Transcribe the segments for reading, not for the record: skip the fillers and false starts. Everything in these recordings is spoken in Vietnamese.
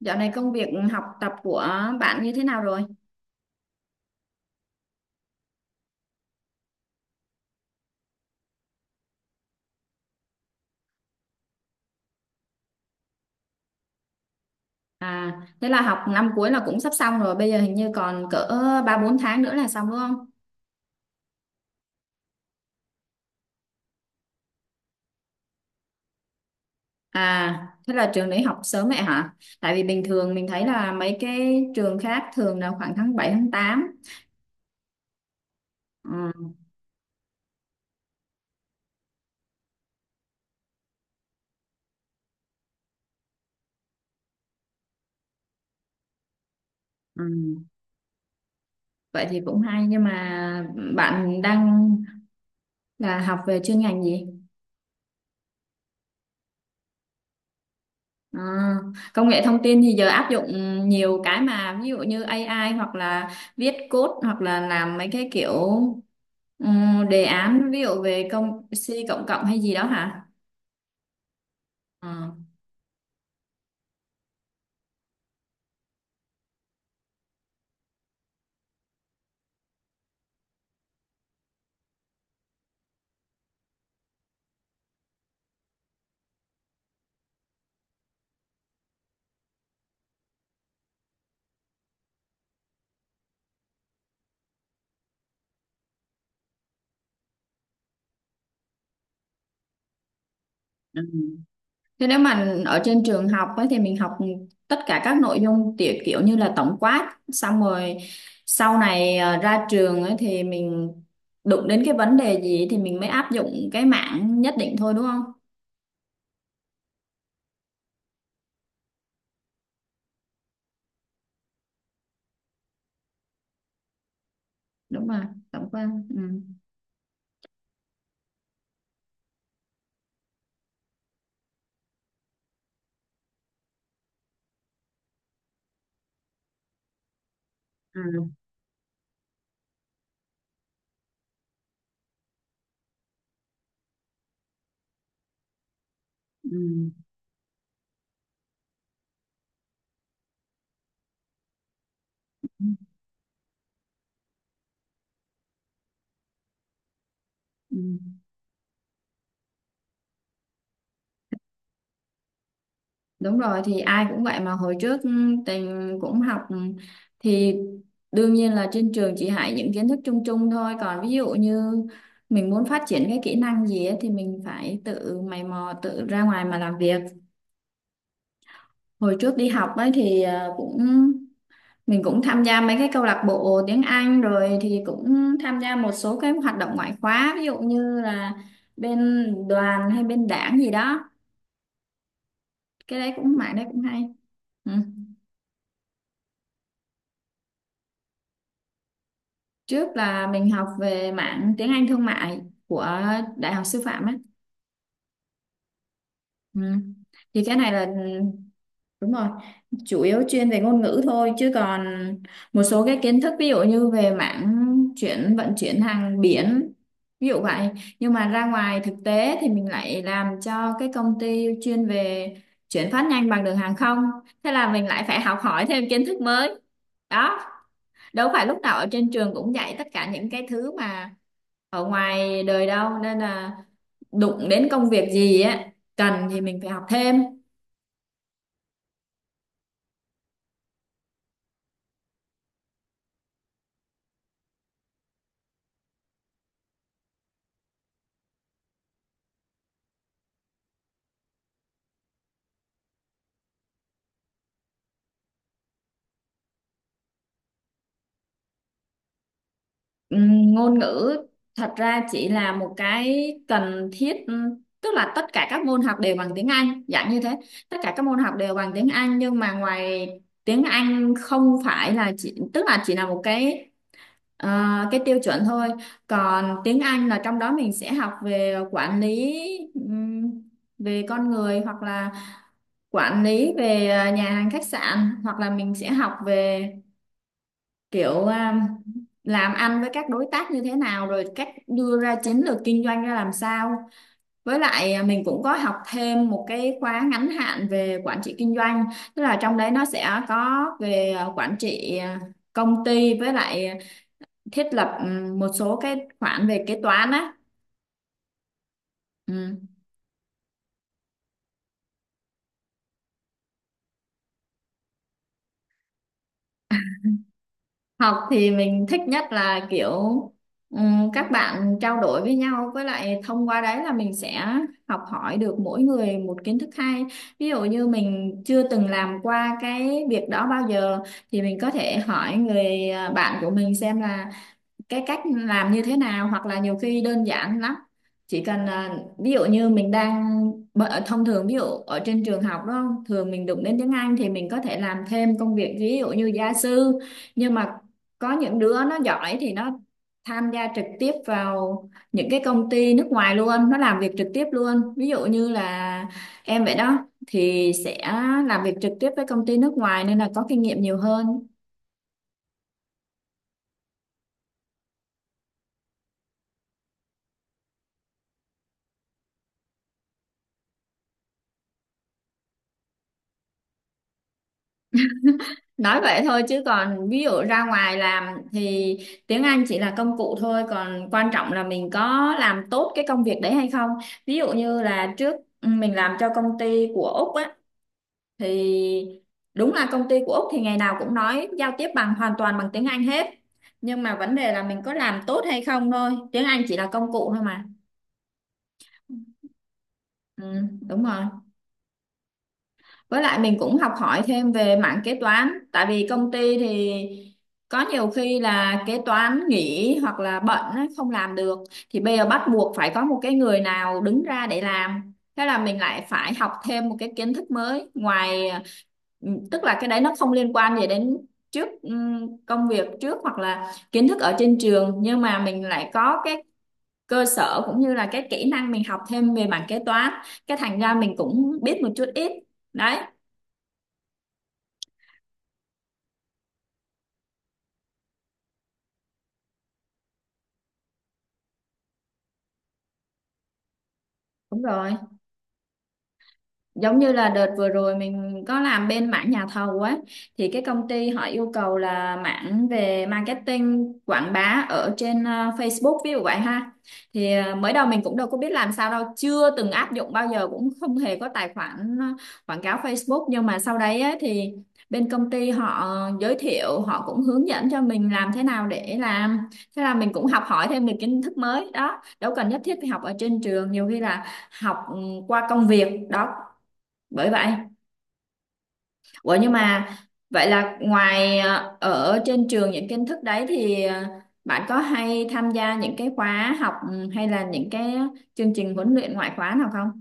Dạo này công việc học tập của bạn như thế nào rồi? À, thế là học năm cuối là cũng sắp xong rồi, bây giờ hình như còn cỡ 3 4 tháng nữa là xong đúng không? À, thế là trường đấy học sớm vậy hả? Tại vì bình thường mình thấy là mấy cái trường khác thường là khoảng tháng bảy tháng tám. Ừ, ừ. Vậy thì cũng hay nhưng mà bạn đang là học về chuyên ngành gì? À, công nghệ thông tin thì giờ áp dụng nhiều cái mà ví dụ như AI hoặc là viết code hoặc là làm mấy cái kiểu đề án ví dụ về công C cộng cộng hay gì đó hả? Ờ. Ừ. Thế nếu mà ở trên trường học ấy, thì mình học tất cả các nội dung tiểu kiểu như là tổng quát xong rồi sau này ra trường ấy, thì mình đụng đến cái vấn đề gì thì mình mới áp dụng cái mảng nhất định thôi đúng không? Đúng rồi, tổng quát. Ừ. Ừ. Ừ. Ừ. Đúng rồi thì ai cũng vậy mà hồi trước tình cũng học thì đương nhiên là trên trường chỉ dạy những kiến thức chung chung thôi, còn ví dụ như mình muốn phát triển cái kỹ năng gì ấy, thì mình phải tự mày mò tự ra ngoài mà làm việc. Hồi trước đi học ấy thì cũng mình cũng tham gia mấy cái câu lạc bộ tiếng Anh rồi thì cũng tham gia một số cái hoạt động ngoại khóa, ví dụ như là bên đoàn hay bên đảng gì đó, cái đấy cũng mảng đấy cũng hay. Ừ. Trước là mình học về mảng tiếng Anh thương mại của Đại học Sư phạm ấy. Ừ. Thì cái này là đúng rồi, chủ yếu chuyên về ngôn ngữ thôi chứ còn một số cái kiến thức ví dụ như về mảng chuyển vận chuyển hàng biển ví dụ vậy. Nhưng mà ra ngoài thực tế thì mình lại làm cho cái công ty chuyên về chuyển phát nhanh bằng đường hàng không. Thế là mình lại phải học hỏi thêm kiến thức mới. Đó, đâu phải lúc nào ở trên trường cũng dạy tất cả những cái thứ mà ở ngoài đời đâu, nên là đụng đến công việc gì á cần thì mình phải học thêm. Ngôn ngữ thật ra chỉ là một cái cần thiết, tức là tất cả các môn học đều bằng tiếng Anh dạng như thế, tất cả các môn học đều bằng tiếng Anh, nhưng mà ngoài tiếng Anh không phải là chỉ tức là chỉ là một cái ờ, cái tiêu chuẩn thôi. Còn tiếng Anh là trong đó mình sẽ học về quản lý, ừm, về con người, hoặc là quản lý về nhà hàng khách sạn, hoặc là mình sẽ học về kiểu làm ăn với các đối tác như thế nào, rồi cách đưa ra chiến lược kinh doanh ra làm sao. Với lại mình cũng có học thêm một cái khóa ngắn hạn về quản trị kinh doanh, tức là trong đấy nó sẽ có về quản trị công ty, với lại thiết lập một số cái khoản về kế toán á. Ừ. Học thì mình thích nhất là kiểu các bạn trao đổi với nhau, với lại thông qua đấy là mình sẽ học hỏi được mỗi người một kiến thức hay. Ví dụ như mình chưa từng làm qua cái việc đó bao giờ thì mình có thể hỏi người bạn của mình xem là cái cách làm như thế nào, hoặc là nhiều khi đơn giản lắm, chỉ cần ví dụ như mình đang thông thường ví dụ ở trên trường học đó thường mình đụng đến tiếng Anh thì mình có thể làm thêm công việc ví dụ như gia sư, nhưng mà có những đứa nó giỏi thì nó tham gia trực tiếp vào những cái công ty nước ngoài luôn, nó làm việc trực tiếp luôn, ví dụ như là em vậy đó thì sẽ làm việc trực tiếp với công ty nước ngoài nên là có kinh nghiệm nhiều hơn. Nói vậy thôi chứ còn ví dụ ra ngoài làm thì tiếng Anh chỉ là công cụ thôi, còn quan trọng là mình có làm tốt cái công việc đấy hay không. Ví dụ như là trước mình làm cho công ty của Úc á, thì đúng là công ty của Úc thì ngày nào cũng nói giao tiếp bằng hoàn toàn bằng tiếng Anh hết. Nhưng mà vấn đề là mình có làm tốt hay không thôi. Tiếng Anh chỉ là công cụ thôi mà. Ừ, đúng rồi. Với lại mình cũng học hỏi thêm về mảng kế toán, tại vì công ty thì có nhiều khi là kế toán nghỉ hoặc là bận á, không làm được, thì bây giờ bắt buộc phải có một cái người nào đứng ra để làm. Thế là mình lại phải học thêm một cái kiến thức mới ngoài tức là cái đấy nó không liên quan gì đến trước, công việc trước hoặc là kiến thức ở trên trường, nhưng mà mình lại có cái cơ sở cũng như là cái kỹ năng mình học thêm về mảng kế toán, cái thành ra mình cũng biết một chút ít, đấy. Đúng rồi, giống như là đợt vừa rồi mình có làm bên mảng nhà thầu ấy, thì cái công ty họ yêu cầu là mảng về marketing quảng bá ở trên Facebook ví dụ vậy ha. Thì mới đầu mình cũng đâu có biết làm sao đâu, chưa từng áp dụng bao giờ, cũng không hề có tài khoản quảng cáo Facebook, nhưng mà sau đấy ấy, thì bên công ty họ giới thiệu, họ cũng hướng dẫn cho mình làm thế nào để làm. Thế là mình cũng học hỏi thêm được kiến thức mới đó, đâu cần nhất thiết phải học ở trên trường, nhiều khi là học qua công việc đó, bởi vậy. Ủa nhưng mà vậy là ngoài ở trên trường những kiến thức đấy thì bạn có hay tham gia những cái khóa học hay là những cái chương trình huấn luyện ngoại khóa nào không?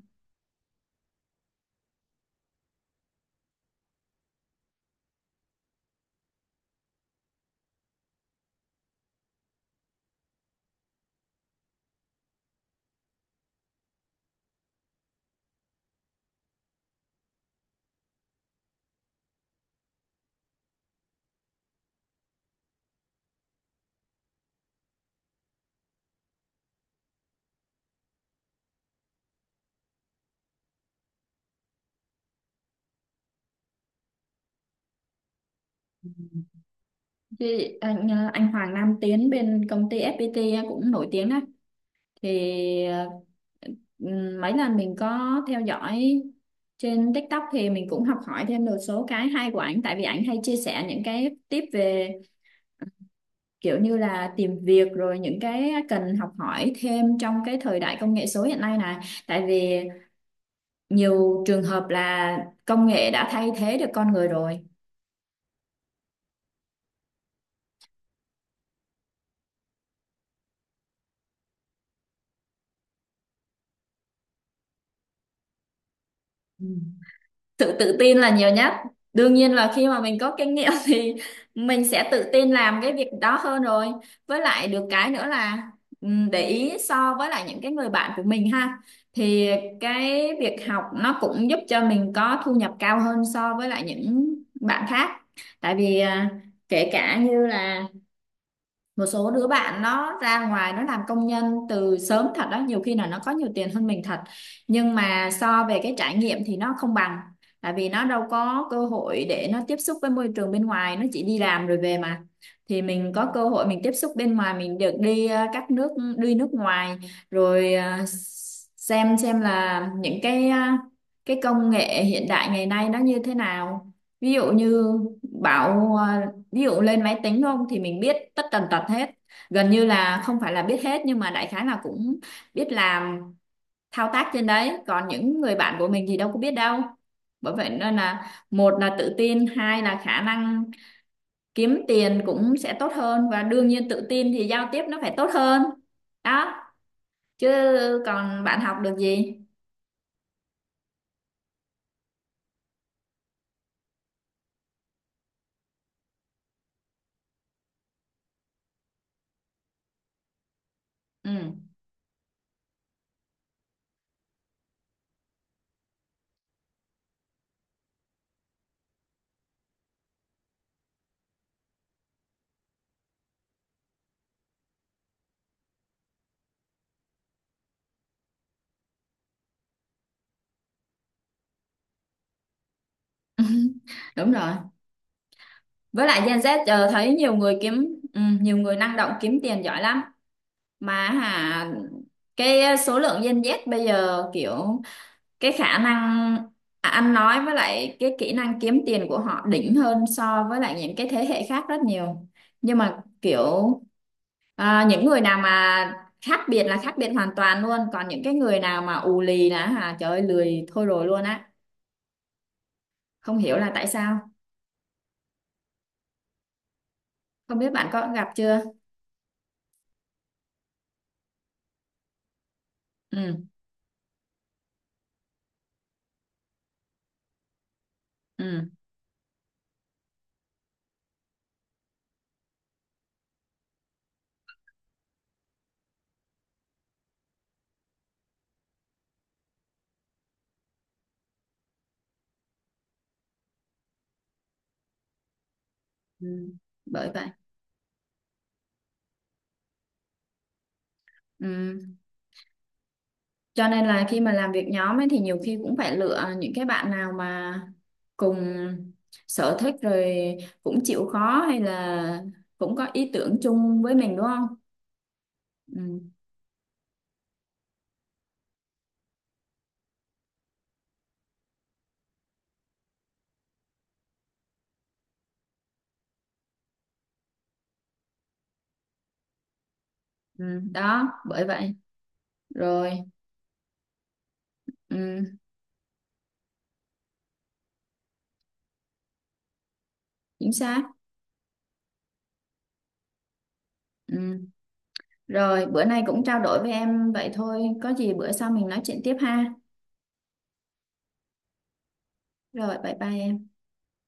Chứ anh anh Hoàng Nam Tiến bên công ty FPT á, cũng nổi tiếng á, thì mấy lần mình có theo dõi trên TikTok thì mình cũng học hỏi thêm được số cái hay của ảnh, tại vì ảnh hay chia sẻ những cái tip về kiểu như là tìm việc rồi những cái cần học hỏi thêm trong cái thời đại công nghệ số hiện nay này, tại vì nhiều trường hợp là công nghệ đã thay thế được con người rồi. Ừ. Sự tự tin là nhiều nhất, đương nhiên là khi mà mình có kinh nghiệm thì mình sẽ tự tin làm cái việc đó hơn rồi. Với lại được cái nữa là để ý so với lại những cái người bạn của mình ha, thì cái việc học nó cũng giúp cho mình có thu nhập cao hơn so với lại những bạn khác, tại vì kể cả như là một số đứa bạn nó ra ngoài nó làm công nhân từ sớm thật đó, nhiều khi là nó có nhiều tiền hơn mình thật, nhưng mà so về cái trải nghiệm thì nó không bằng, tại vì nó đâu có cơ hội để nó tiếp xúc với môi trường bên ngoài, nó chỉ đi làm rồi về mà. Thì mình có cơ hội mình tiếp xúc bên ngoài, mình được đi các nước, đi nước ngoài, rồi xem là những cái cái công nghệ hiện đại ngày nay nó như thế nào. Ví dụ như bảo ví dụ lên máy tính không thì mình biết tất tần tật hết, gần như là không phải là biết hết nhưng mà đại khái là cũng biết làm thao tác trên đấy, còn những người bạn của mình thì đâu có biết đâu. Bởi vậy nên là một là tự tin, hai là khả năng kiếm tiền cũng sẽ tốt hơn, và đương nhiên tự tin thì giao tiếp nó phải tốt hơn, đó. Chứ còn bạn học được gì? Ừ. Đúng rồi, với lại Gen Z giờ thấy nhiều người kiếm nhiều người năng động kiếm tiền giỏi lắm mà hả. Cái số lượng Gen Z bây giờ kiểu cái khả năng ăn nói với lại cái kỹ năng kiếm tiền của họ đỉnh hơn so với lại những cái thế hệ khác rất nhiều, nhưng mà kiểu những người nào mà khác biệt là khác biệt hoàn toàn luôn, còn những cái người nào mà ù lì là hả trời ơi lười thôi rồi luôn á, không hiểu là tại sao. Không biết bạn có gặp chưa? Ừ ừ Ừ. Bởi vậy. Ừ. Cho nên là khi mà làm việc nhóm ấy thì nhiều khi cũng phải lựa những cái bạn nào mà cùng sở thích rồi, cũng chịu khó, hay là cũng có ý tưởng chung với mình đúng không? Ừ, ừ, đó, bởi vậy. Rồi, ừ, chính xác. Ừ. Rồi, bữa nay cũng trao đổi với em vậy thôi. Có gì bữa sau mình nói chuyện tiếp ha. Rồi, bye bye em.